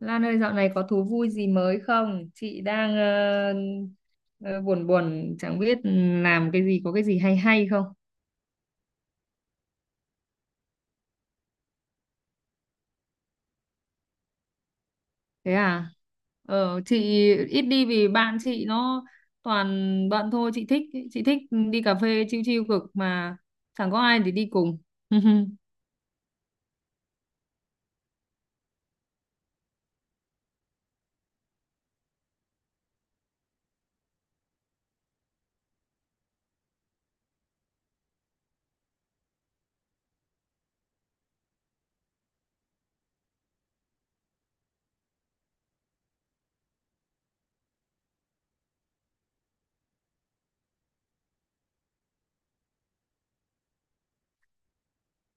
Lan ơi, dạo này có thú vui gì mới không? Chị đang buồn buồn, chẳng biết làm cái gì, có cái gì hay hay không? Thế à? Ờ, chị ít đi vì bạn chị nó toàn bận thôi, chị thích chị thích đi cà phê chill chill cực mà chẳng có ai để đi cùng.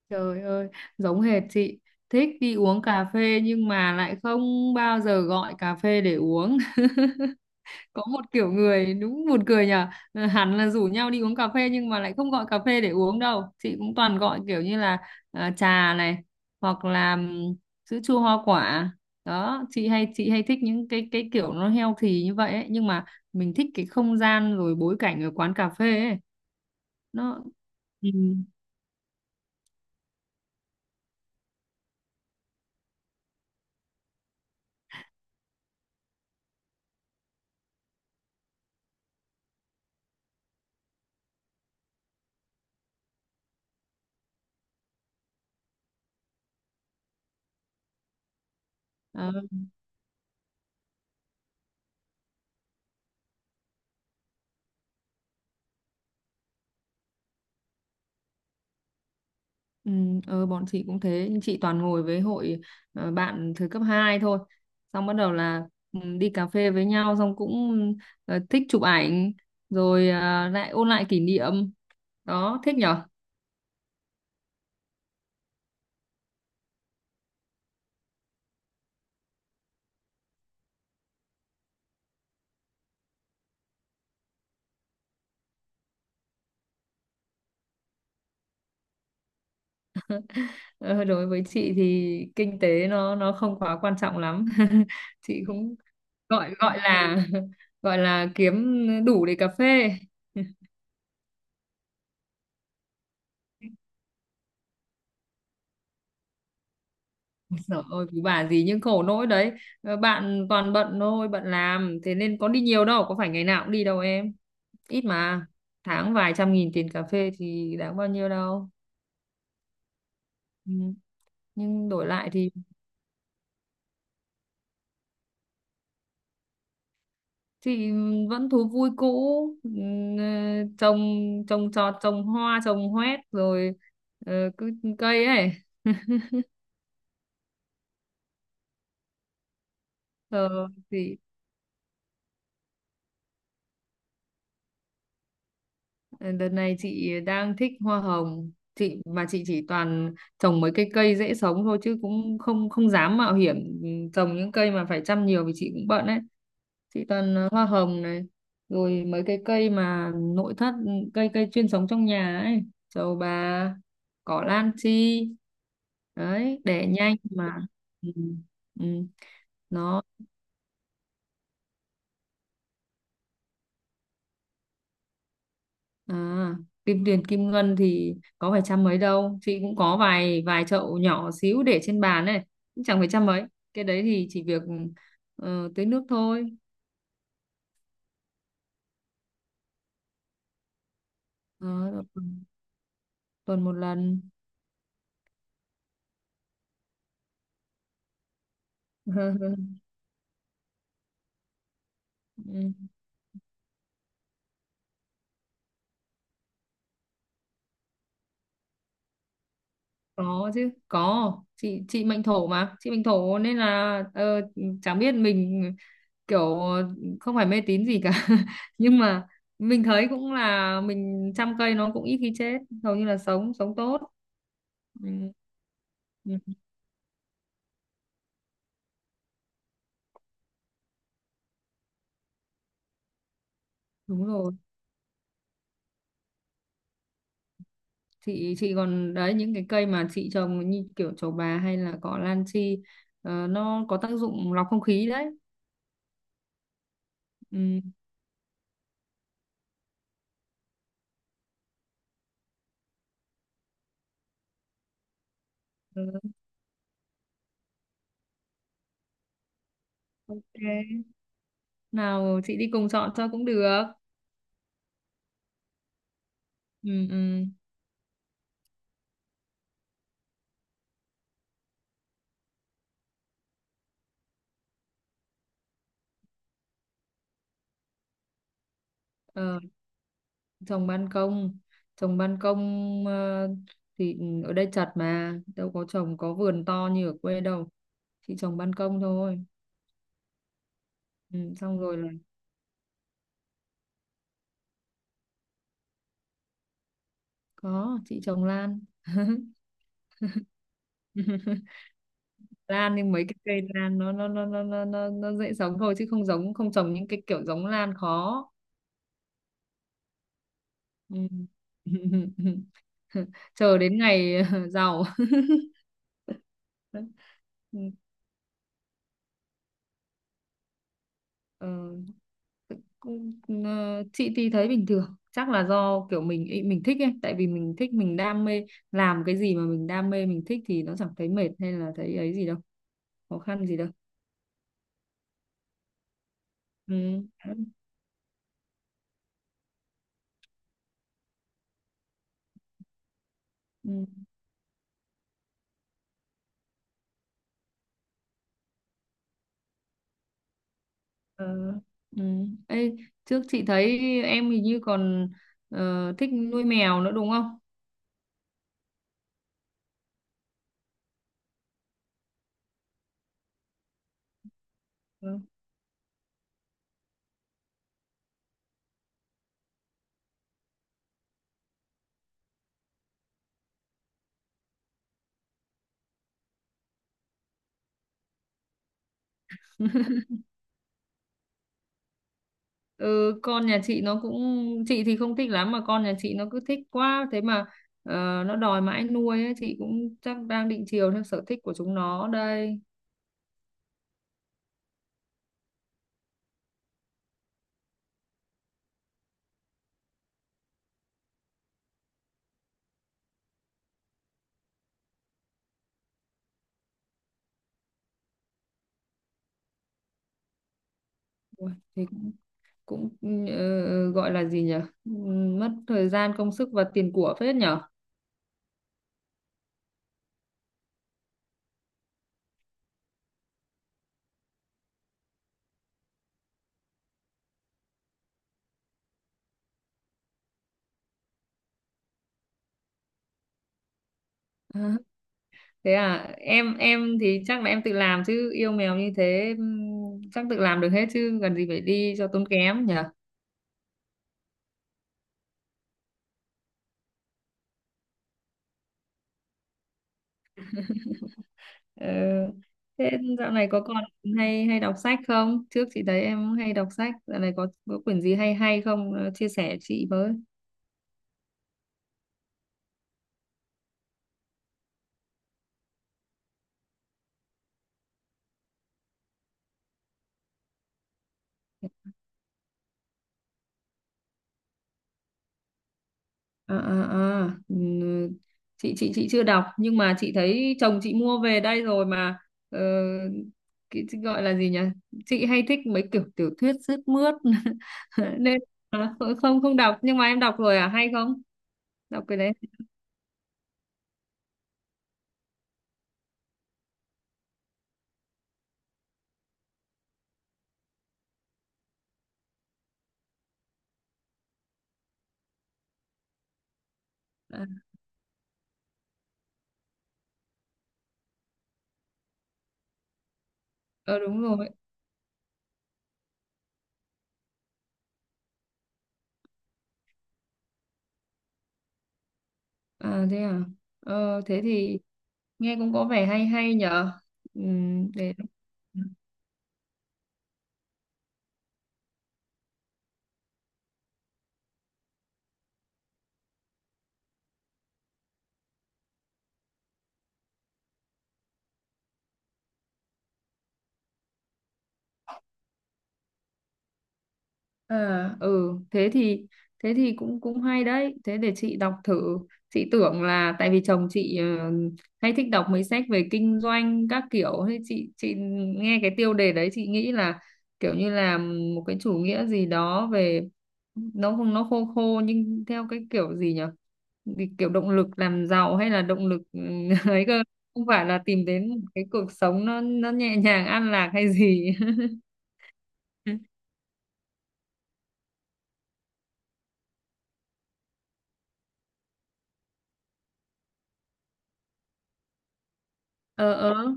Trời ơi, giống hệt chị, thích đi uống cà phê nhưng mà lại không bao giờ gọi cà phê để uống. Có một kiểu người đúng buồn cười nhở. Ờ, hẳn là rủ nhau đi uống cà phê nhưng mà lại không gọi cà phê để uống đâu, chị cũng toàn gọi kiểu như là trà này, hoặc là sữa chua hoa quả đó. Chị hay thích những cái kiểu nó healthy như vậy ấy. Nhưng mà mình thích cái không gian rồi bối cảnh ở quán cà phê ấy. Nó. Ừ. Ừ, bọn chị cũng thế, nhưng chị toàn ngồi với hội bạn thời cấp 2 thôi, xong bắt đầu là đi cà phê với nhau, xong cũng thích chụp ảnh, rồi lại ôn lại kỷ niệm. Đó thích nhở. Ờ, đối với chị thì kinh tế nó không quá quan trọng lắm. Chị cũng gọi gọi là gọi là kiếm đủ để cà phê. Trời ơi cứ bà gì, nhưng khổ nỗi đấy. Ờ, bạn toàn bận thôi, bận làm, thế nên có đi nhiều đâu, có phải ngày nào cũng đi đâu em, ít mà, tháng vài trăm nghìn tiền cà phê thì đáng bao nhiêu đâu. Ừ. Nhưng đổi lại thì thì vẫn thú vui cũ. Ừ, ờ, trồng trồng trọt, trồng hoa trồng hoét, rồi cứ cây ấy. Ờ, thì ờ, đợt này chị đang thích hoa hồng. Chị chỉ toàn trồng mấy cái cây dễ sống thôi, chứ cũng không không dám mạo hiểm. Ừ, trồng những cây mà phải chăm nhiều vì chị cũng bận ấy. Chị toàn hoa hồng này, rồi mấy cái cây mà nội thất, cây cây chuyên sống trong nhà ấy. Trầu bà, cỏ lan chi, đấy đẻ nhanh mà. Ừ. Ừ. Nó. À, kim tiền kim ngân thì có phải trăm mấy đâu, chị cũng có vài vài chậu nhỏ xíu để trên bàn này, cũng chẳng phải trăm mấy, cái đấy thì chỉ việc tưới nước thôi. Ờ, tuần một lần. Ừ. Có chứ, có, chị mệnh thổ mà, chị mệnh thổ nên là chẳng biết mình kiểu không phải mê tín gì cả, nhưng mà mình thấy cũng là mình chăm cây nó cũng ít khi chết, hầu như là sống sống tốt. Ừ, ừ, đúng rồi, chị còn đấy những cái cây mà chị trồng như kiểu trầu bà hay là cỏ lan chi, nó có tác dụng lọc không khí đấy. Ừ, ừ, ok. Nào chị đi cùng chọn cho cũng được. Ừ, ừ. Ờ. Trồng ban công, trồng ban công thì ở đây chật mà đâu có trồng, có vườn to như ở quê đâu, chị trồng ban công thôi. Ừ, xong rồi là có chị trồng lan. Lan, nhưng mấy cái cây lan nó dễ sống thôi, chứ không giống, không trồng những cái kiểu giống lan khó. Ừ. Chờ đến ngày giàu. Ừ. Ờ. Ờ, chị thì thấy bình thường, chắc là do kiểu mình thích ấy, tại vì mình thích mình đam mê, làm cái gì mà mình đam mê mình thích thì nó chẳng thấy mệt hay là thấy ấy gì đâu, khó khăn gì đâu. Ừ. Ừ. Ờ. Ừ. Ê, trước chị thấy em hình như còn thích nuôi mèo nữa đúng không? Ừ. Ừ, con nhà chị nó cũng, chị thì không thích lắm mà con nhà chị nó cứ thích quá, thế mà ờ, nó đòi mãi nuôi ấy. Chị cũng chắc đang định chiều theo sở thích của chúng nó đây. Ủa, thì cũng gọi là gì nhỉ? Mất thời gian, công sức và tiền của phết nhỉ? À, thế à, em thì chắc là em tự làm, chứ yêu mèo như thế chắc tự làm được hết, chứ cần gì phải đi cho tốn kém nhỉ? Ờ, thế dạo này có còn hay hay đọc sách không? Trước chị thấy em hay đọc sách, dạo này có quyển gì hay hay không? Ờ, chia sẻ chị với. Ờ, ờ, ờ. Ừ, chị chưa đọc, nhưng mà chị thấy chồng chị mua về đây rồi mà, ờ, cái gọi là gì nhỉ, chị hay thích mấy kiểu tiểu thuyết sướt mướt. Nên à, không không đọc, nhưng mà em đọc rồi à, hay không? Đọc cái đấy à? Ờ, đúng rồi. À thế à? Ờ thế thì nghe cũng có vẻ hay hay nhở. Ừ, để. À, ừ thế thì, cũng cũng hay đấy, thế để chị đọc thử. Chị tưởng là tại vì chồng chị hay thích đọc mấy sách về kinh doanh các kiểu, thế chị nghe cái tiêu đề đấy chị nghĩ là kiểu như là một cái chủ nghĩa gì đó về. Nó không, nó khô khô, nhưng theo cái kiểu gì nhỉ? Vì kiểu động lực làm giàu hay là động lực ấy cơ, không phải là tìm đến một cái cuộc sống nó nhẹ nhàng an lạc hay gì. Ờ, ờ.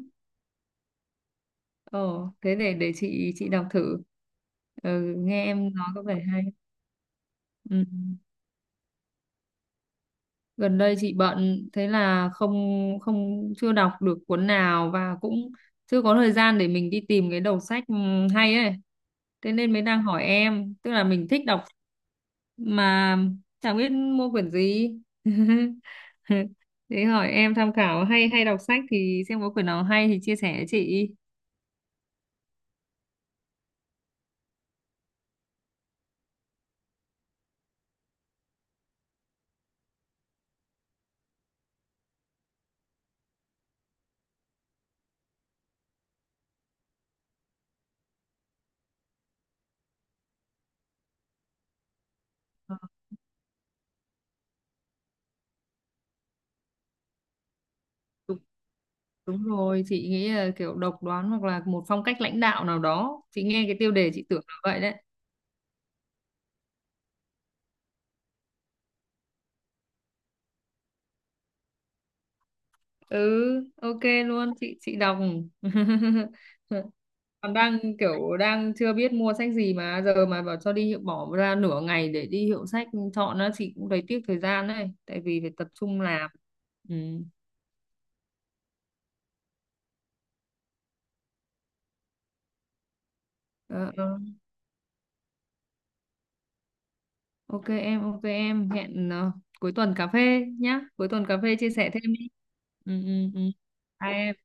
Ồ, thế để chị đọc thử. Ừ, nghe em nói có vẻ hay. Ừ. Gần đây chị bận, thế là không không chưa đọc được cuốn nào, và cũng chưa có thời gian để mình đi tìm cái đầu sách hay ấy. Thế nên mới đang hỏi em, tức là mình thích đọc mà chẳng biết mua quyển gì. Thế hỏi em tham khảo, hay hay đọc sách thì xem có quyển nào hay thì chia sẻ với chị. Đúng rồi, chị nghĩ là kiểu độc đoán hoặc là một phong cách lãnh đạo nào đó. Chị nghe cái tiêu đề chị tưởng là vậy đấy. Ừ, ok luôn, chị đọc. Còn đang kiểu đang chưa biết mua sách gì, mà giờ mà bảo cho đi hiệu, bỏ ra nửa ngày để đi hiệu sách chọn á, chị cũng thấy tiếc thời gian đấy, tại vì phải tập trung làm. Ừ. Ờ, ờ. Ok em, ok em, hẹn cuối tuần cà phê nhá. Cuối tuần cà phê chia sẻ thêm đi. Ừ, ừ, ừ. Bye em.